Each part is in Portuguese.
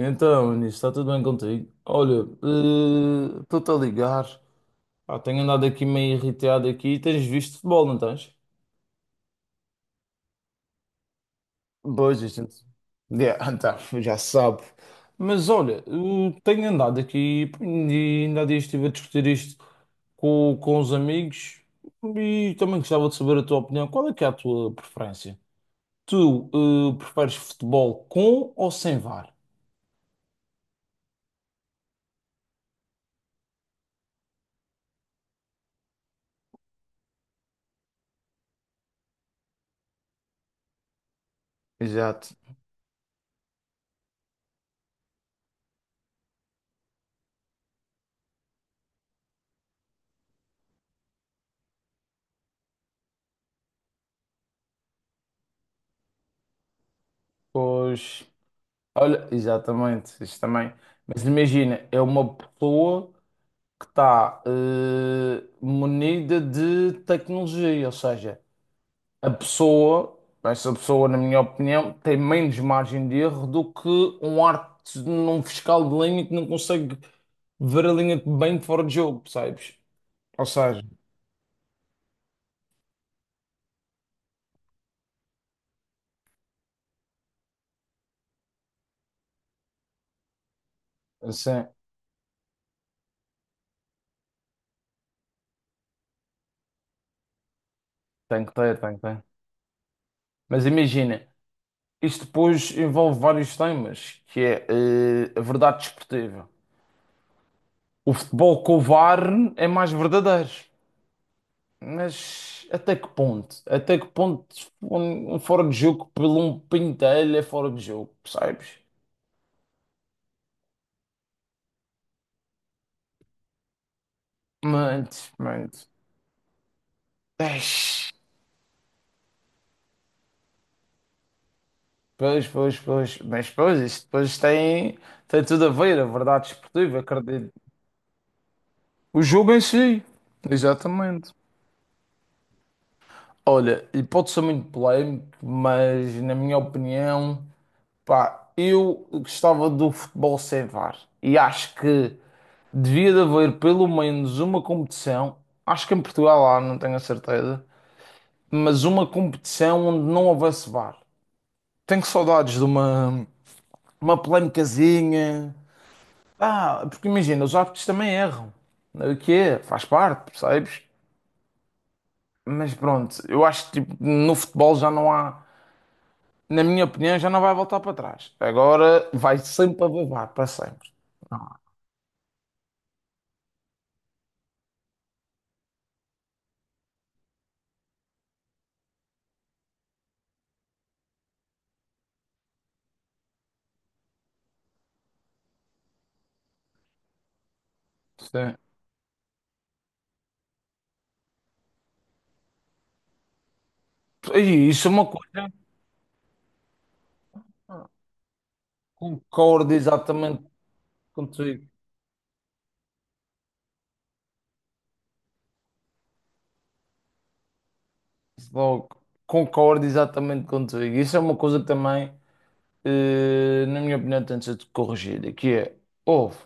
Então, Nisso, está tudo bem contigo? Olha, estou-te a ligar. Ah, tenho andado aqui meio irritado aqui. Tens visto futebol, não tens? Pois, gente. Yeah, então, já sabe. Mas olha, eu tenho andado aqui e ainda há dias estive a discutir isto com os amigos e também gostava de saber a tua opinião. Qual é que é a tua preferência? Tu, preferes futebol com ou sem VAR? Exato. Pois. Olha, exatamente, isso também. Mas imagina, é uma pessoa que está munida de tecnologia, ou seja, a pessoa, essa pessoa, na minha opinião, tem menos margem de erro do que um arte num fiscal de linha que não consegue ver a linha bem de fora de jogo, percebes? Ou seja, assim, tem que ter, tem que ter. Mas imagina, isto depois envolve vários temas, que é a verdade desportiva. O futebol com o VAR é mais verdadeiro, mas até que ponto? Até que ponto um fora de jogo pelo um pintelho é fora de jogo, percebes? Mas, mas, eish, pois, isso depois tem, tem tudo a ver, a verdade esportiva, acredito. O jogo em si, exatamente. Olha, e pode ser muito polémico, mas na minha opinião, pá, eu gostava do futebol sem VAR. E acho que devia de haver pelo menos uma competição, acho que em Portugal há, não tenho a certeza, mas uma competição onde não houvesse VAR. Tenho saudades de uma polémicazinha. Ah, porque imagina, os árbitros também erram. O que é? Faz parte, percebes? Mas pronto, eu acho que tipo, no futebol já não há, na minha opinião, já não vai voltar para trás. Agora vai sempre haver VAR, para sempre. Sim. E isso é uma coisa que concordo exatamente contigo. Logo, concordo exatamente contigo. Isso é uma coisa que também, na minha opinião, tem de ser corrigida, que é, ouve,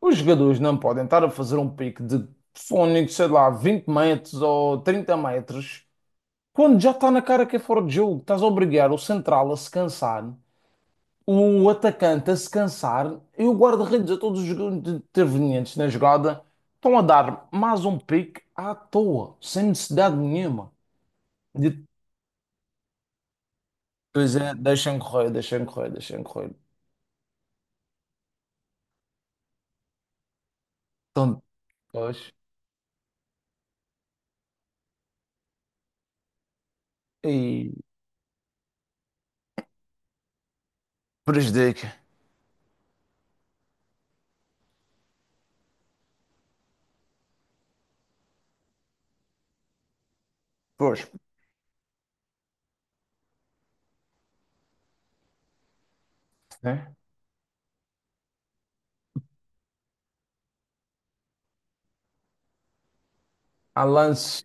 os jogadores não podem estar a fazer um pique de fónico, sei lá, 20 metros ou 30 metros, quando já está na cara que é fora de jogo. Estás a obrigar o central a se cansar, o atacante a se cansar e o guarda-redes a todos os intervenientes na jogada estão a dar mais um pique à toa, sem necessidade nenhuma. Pois é, deixem correr, deixem correr, deixem correr. Então, pois, e prejudica. Pois, né? Há lance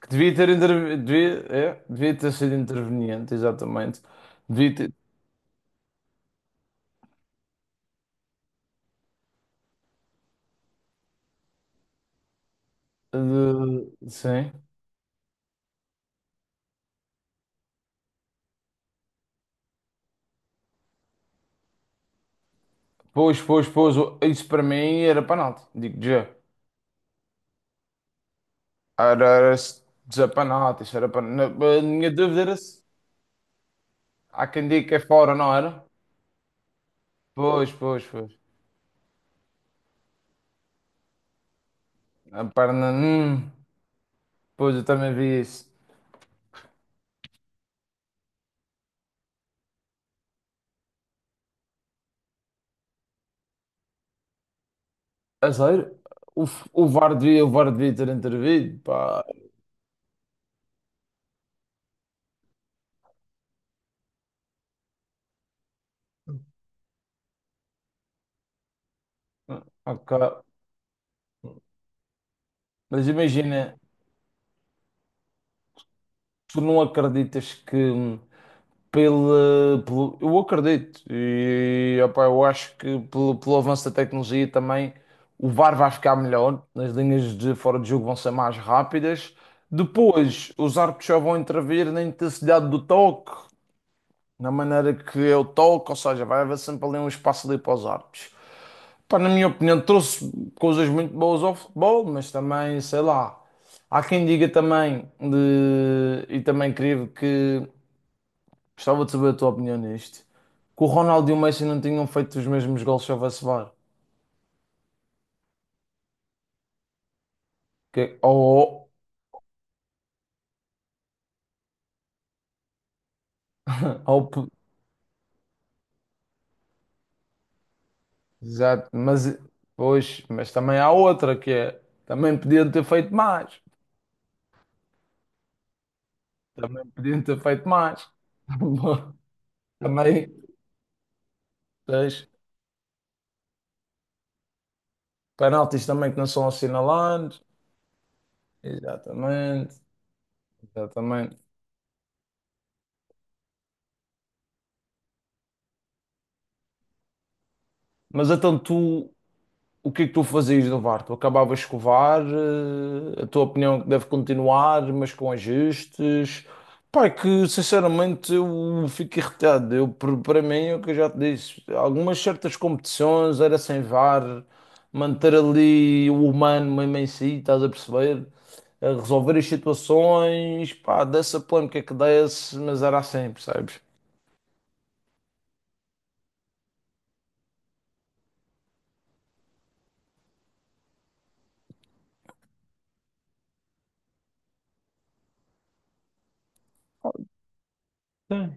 que devia ter, devia, é, devia ter sido interveniente, exatamente. Devia ter, sim. Isso para mim era penalti, digo já. Era, dizer penalti, isso era penalti. A minha dúvida era se há quem diga que é fora, não era? Pois, pois, pois. A perna, pois eu também vi isso. É sério? O, o VAR devia, o VAR devia ter intervido, pá. Ok. Mas imagina, tu não acreditas que pelo, eu acredito e opá, eu acho que pelo avanço da tecnologia também o VAR vai ficar melhor, as linhas de fora de jogo vão ser mais rápidas. Depois, os árbitros já vão intervir na intensidade do toque, na maneira que é o toque, ou seja, vai haver sempre ali um espaço ali para os árbitros. Pá, na minha opinião, trouxe coisas muito boas ao futebol, mas também, sei lá, há quem diga também, de, e também creio que gostava de saber a tua opinião nisto, que o Ronaldo e o Messi não tinham feito os mesmos gols se houvesse VAR. Que, ou, ou, exato, mas, pois, mas também há outra que é, também podiam ter feito mais, também podiam ter feito mais. Também, tens penaltis também que não são assinalados, exatamente. Exatamente. Mas então tu, o que é que tu fazias no VAR? Tu acabavas de escovar, a tua opinião é que deve continuar, mas com ajustes. Pá, é que sinceramente eu fico irritado. Eu, para mim, é o que eu já te disse, algumas certas competições era sem VAR, manter ali o humano mesmo em si, estás a perceber? A resolver as situações, pá, dessa polêmica que desse, mas era assim, percebes? Sim.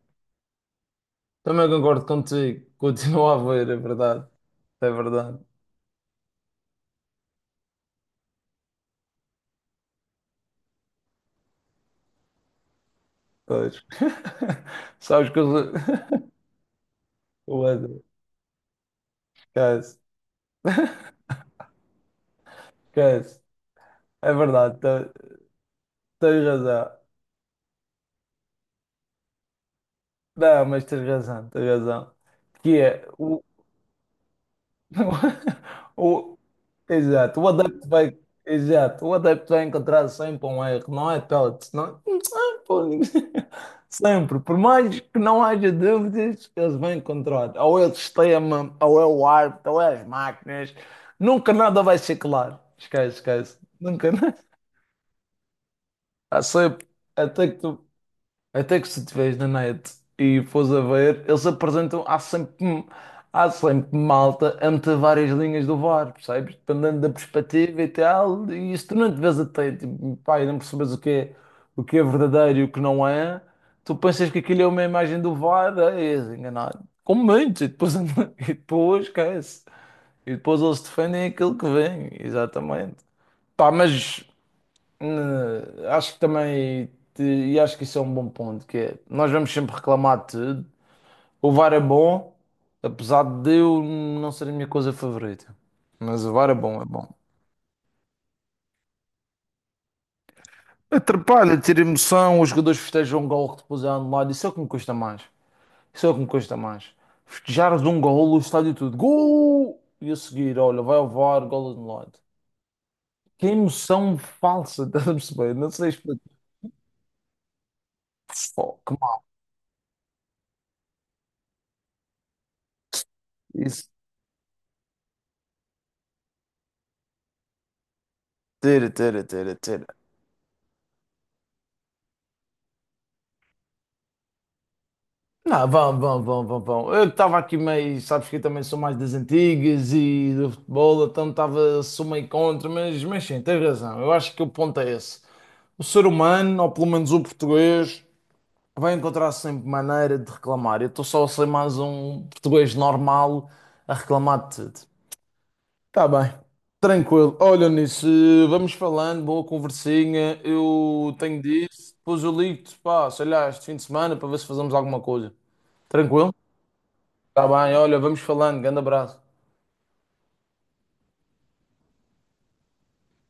Também concordo contigo, continua a ver, é verdade. É verdade. Pois. Sabes que eu sou- O André. Esquece. Esquece. É verdade. Te- Tens razão. Não, mas tens razão. Tens razão. Que é. O O, exato, o adepto vai, exato, o adepto vai encontrar sempre um erro, não é pellets, não é? Pô, ninguém- Sempre, por mais que não haja dúvidas, eles vão encontrar. Ou é o sistema, ou é o árbitro, ou é as máquinas. Nunca nada vai ser claro. Esquece, esquece. Nunca nada. Há sempre, até que tu até que se estiveres na net e fores a ver, eles apresentam, há sempre malta entre várias linhas do VAR, percebes? Dependendo da perspectiva e tal, e se tu não te vês atento, e, pá, e não percebes o que é verdadeiro e o que não é, tu pensas que aquilo é uma imagem do VAR, é, és enganado. Com muitos, e depois, e depois esquece. E depois eles defendem aquilo que vem, exatamente. Pá, mas acho que também, te- e acho que isso é um bom ponto, que é, nós vamos sempre reclamar de tudo. O VAR é bom, apesar de eu não ser a minha coisa favorita. Mas o VAR é bom, é bom. Atrapalha, tira emoção, os jogadores festejam um gol que depois é anulado, isso é o que me custa mais. Isso é o que me custa mais. Festejares um gol, o estádio tudo, gol! E a seguir, olha, vai ao VAR, gol anulado. Que emoção falsa, estás a perceber? Não sei explicar. Pô, que mal. Isso, tira, tira, tira, tira. Não, vão, vão, vão, vão, vão. Eu estava aqui meio, sabes que eu também sou mais das antigas e do futebol, então estava, sou meio contra, mas sim, tens razão. Eu acho que o ponto é esse. O ser humano, ou pelo menos o português, vai encontrar sempre maneira de reclamar. Eu estou só a ser mais um português normal a reclamar de tudo. Está bem, tranquilo. Olha nisso, vamos falando, boa conversinha. Eu tenho disso, depois eu ligo-te, pá, sei lá, este fim de semana para ver se fazemos alguma coisa. Tranquilo? Está bem, olha, vamos falando. Grande abraço.